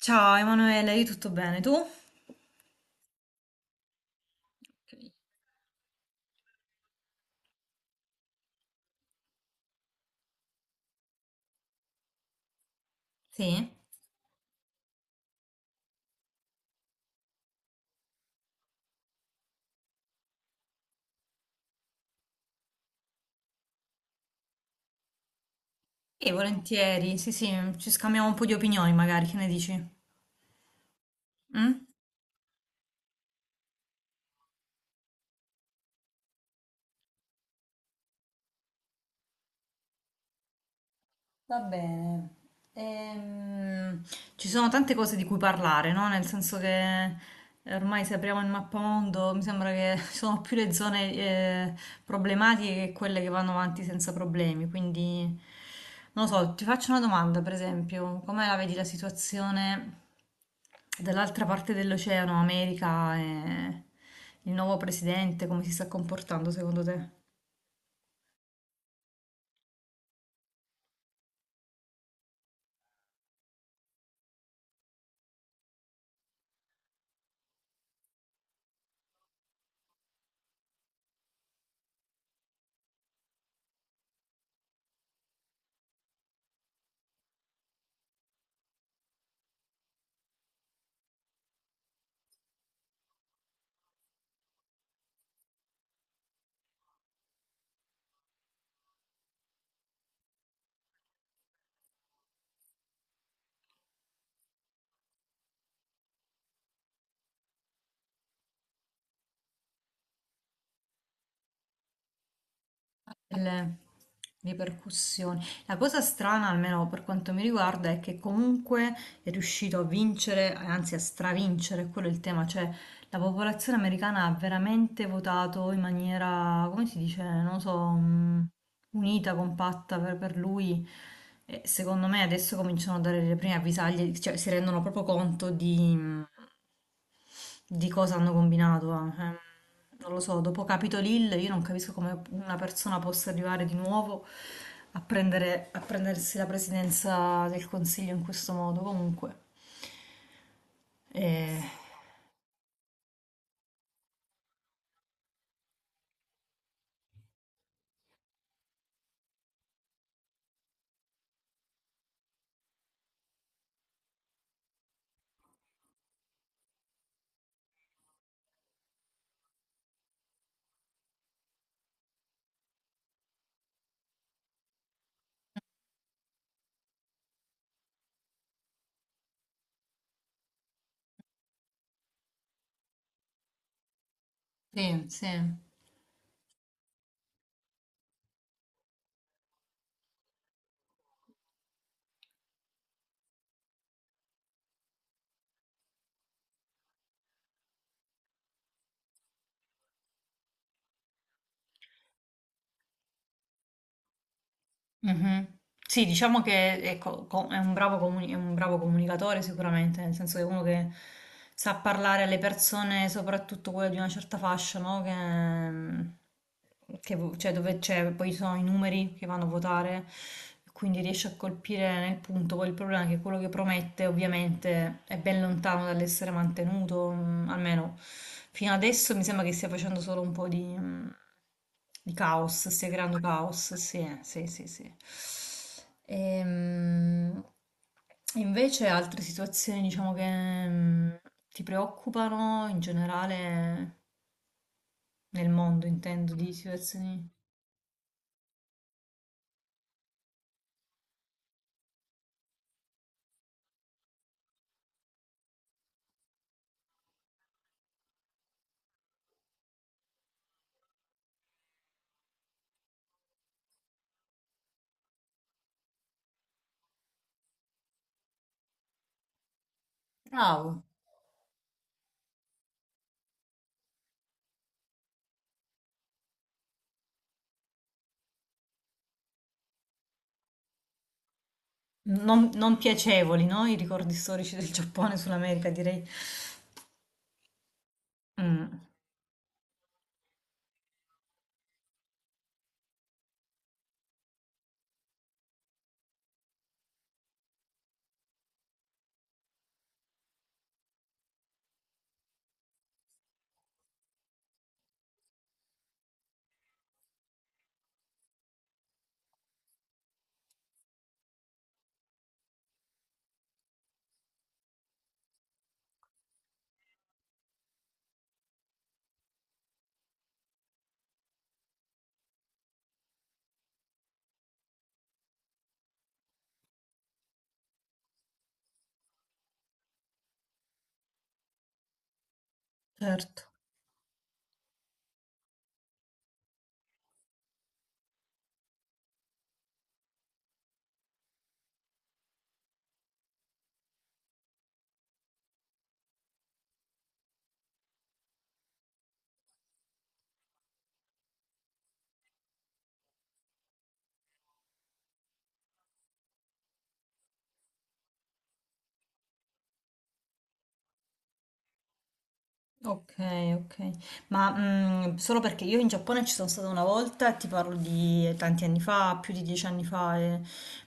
Ciao Emanuele, io tutto bene, tu? Sì? Sì, volentieri, sì sì, ci scambiamo un po' di opinioni magari, che ne dici? Mm? Va bene. Ehm, Ci sono tante cose di cui parlare, no? Nel senso che ormai se apriamo il mappamondo mi sembra che ci sono più le zone problematiche che quelle che vanno avanti senza problemi. Quindi, non lo so, ti faccio una domanda, per esempio, come la vedi la situazione dall'altra parte dell'oceano, America e il nuovo presidente, come si sta comportando secondo te? Le ripercussioni. La cosa strana, almeno per quanto mi riguarda, è che comunque è riuscito a vincere, anzi a stravincere, quello è il tema, cioè la popolazione americana ha veramente votato in maniera, come si dice, non lo so, unita, compatta per lui. E secondo me adesso cominciano a dare le prime avvisaglie, cioè si rendono proprio conto di cosa hanno combinato? Non lo so, dopo Capitol Hill io non capisco come una persona possa arrivare di nuovo a prendersi la presidenza del Consiglio in questo modo. Comunque, eh, sì, sì. Mhm. Sì, diciamo che ecco, è un bravo comunicatore sicuramente, nel senso che è uno che sa parlare alle persone, soprattutto quelle di una certa fascia, no? Che, cioè, dove c'è, poi ci sono i numeri che vanno a votare, quindi riesce a colpire nel punto. Poi il problema è che quello che promette ovviamente è ben lontano dall'essere mantenuto, almeno fino adesso mi sembra che stia facendo solo un po' di il caos, stia creando caos, sì, sì, sì, sì. Ehm, Invece altre situazioni, diciamo, che ti preoccupano in generale nel mondo, intendo, di situazioni. Bravo. Non piacevoli, no? I ricordi storici del Giappone sull'America, direi. Mm, certo. Okay, okay. Ma, solo perché io in Giappone ci sono stata una volta e ti parlo di tanti anni fa, più di 10 anni fa e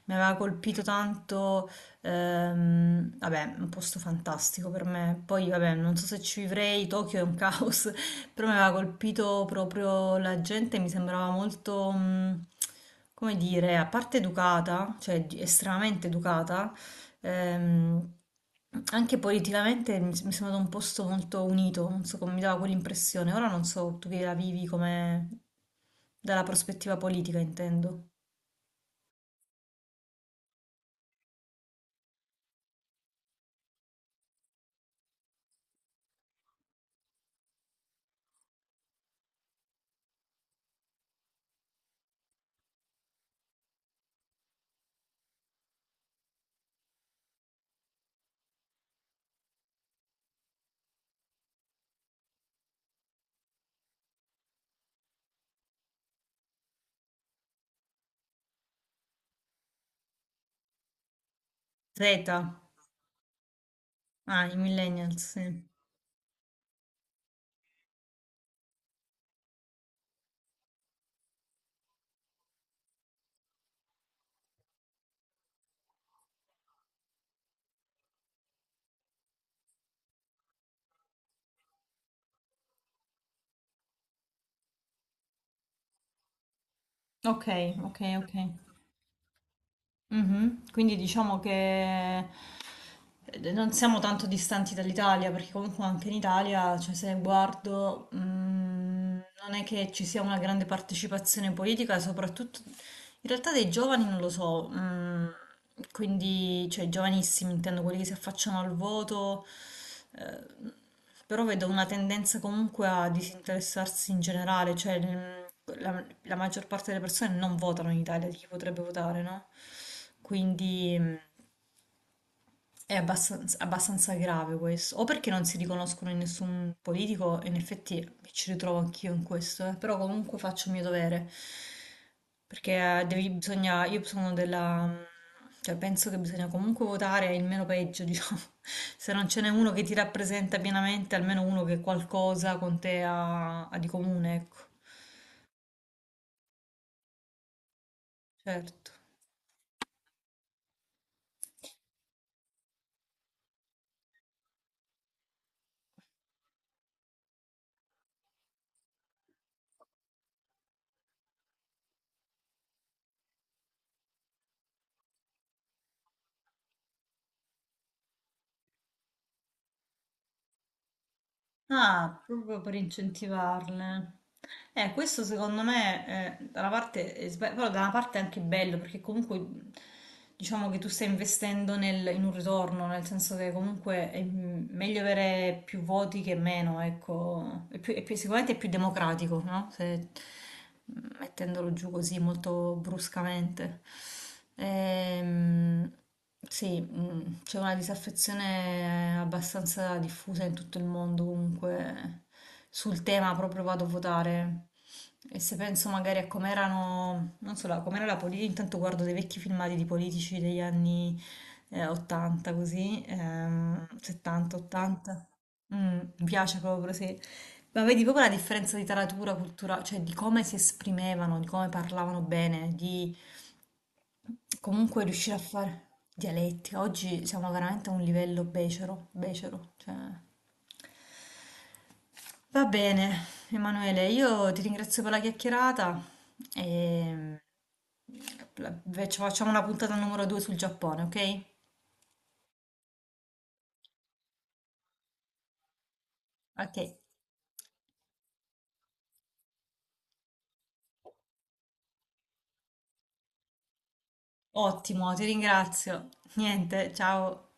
mi aveva colpito tanto, vabbè, un posto fantastico per me. Poi vabbè, non so se ci vivrei, Tokyo è un caos, però mi aveva colpito proprio la gente, mi sembrava molto, come dire, a parte educata, cioè estremamente educata. Ehm, Anche politicamente mi sembra un posto molto unito, non so come mi dava quell'impressione. Ora non so tu che la vivi come dalla prospettiva politica, intendo. Z, ah, i millennials, sì. Ok, ok, ok. Mhm. Quindi diciamo che non siamo tanto distanti dall'Italia, perché comunque anche in Italia, cioè se guardo, non è che ci sia una grande partecipazione politica, soprattutto in realtà dei giovani non lo so, quindi cioè i giovanissimi intendo quelli che si affacciano al voto, eh, però vedo una tendenza comunque a disinteressarsi in generale, cioè la maggior parte delle persone non votano in Italia, di chi potrebbe votare, no? Quindi è abbastanza, grave questo, o perché non si riconoscono in nessun politico, e in effetti mi ci ritrovo anch'io in questo, Però comunque faccio il mio dovere, perché bisogna, io sono della, cioè penso che bisogna comunque votare il meno peggio, diciamo, se non ce n'è uno che ti rappresenta pienamente, almeno uno che qualcosa con te ha di comune, ecco, certo. Ah, proprio per incentivarle. Questo secondo me, da una parte però da una parte è anche bello perché comunque diciamo che tu stai investendo in un ritorno, nel senso che comunque è meglio avere più voti che meno, ecco. Sicuramente è più democratico, no? Mettendolo giù così molto bruscamente. Ehm, sì, c'è una disaffezione abbastanza diffusa in tutto il mondo, comunque sul tema proprio vado a votare. E se penso magari a come erano, non so, com'era la politica, intanto guardo dei vecchi filmati di politici degli anni 80, così, 70, 80. Mm, mi piace proprio, sì. Ma vedi proprio la differenza di taratura, cultura, cioè di come si esprimevano, di come parlavano bene, di comunque riuscire a fare dialetti. Oggi siamo veramente a un livello becero, becero. Cioè. Va bene, Emanuele, io ti ringrazio per la chiacchierata e facciamo una puntata numero 2 sul Giappone, ok? Ok, ottimo, ti ringrazio. Niente, ciao.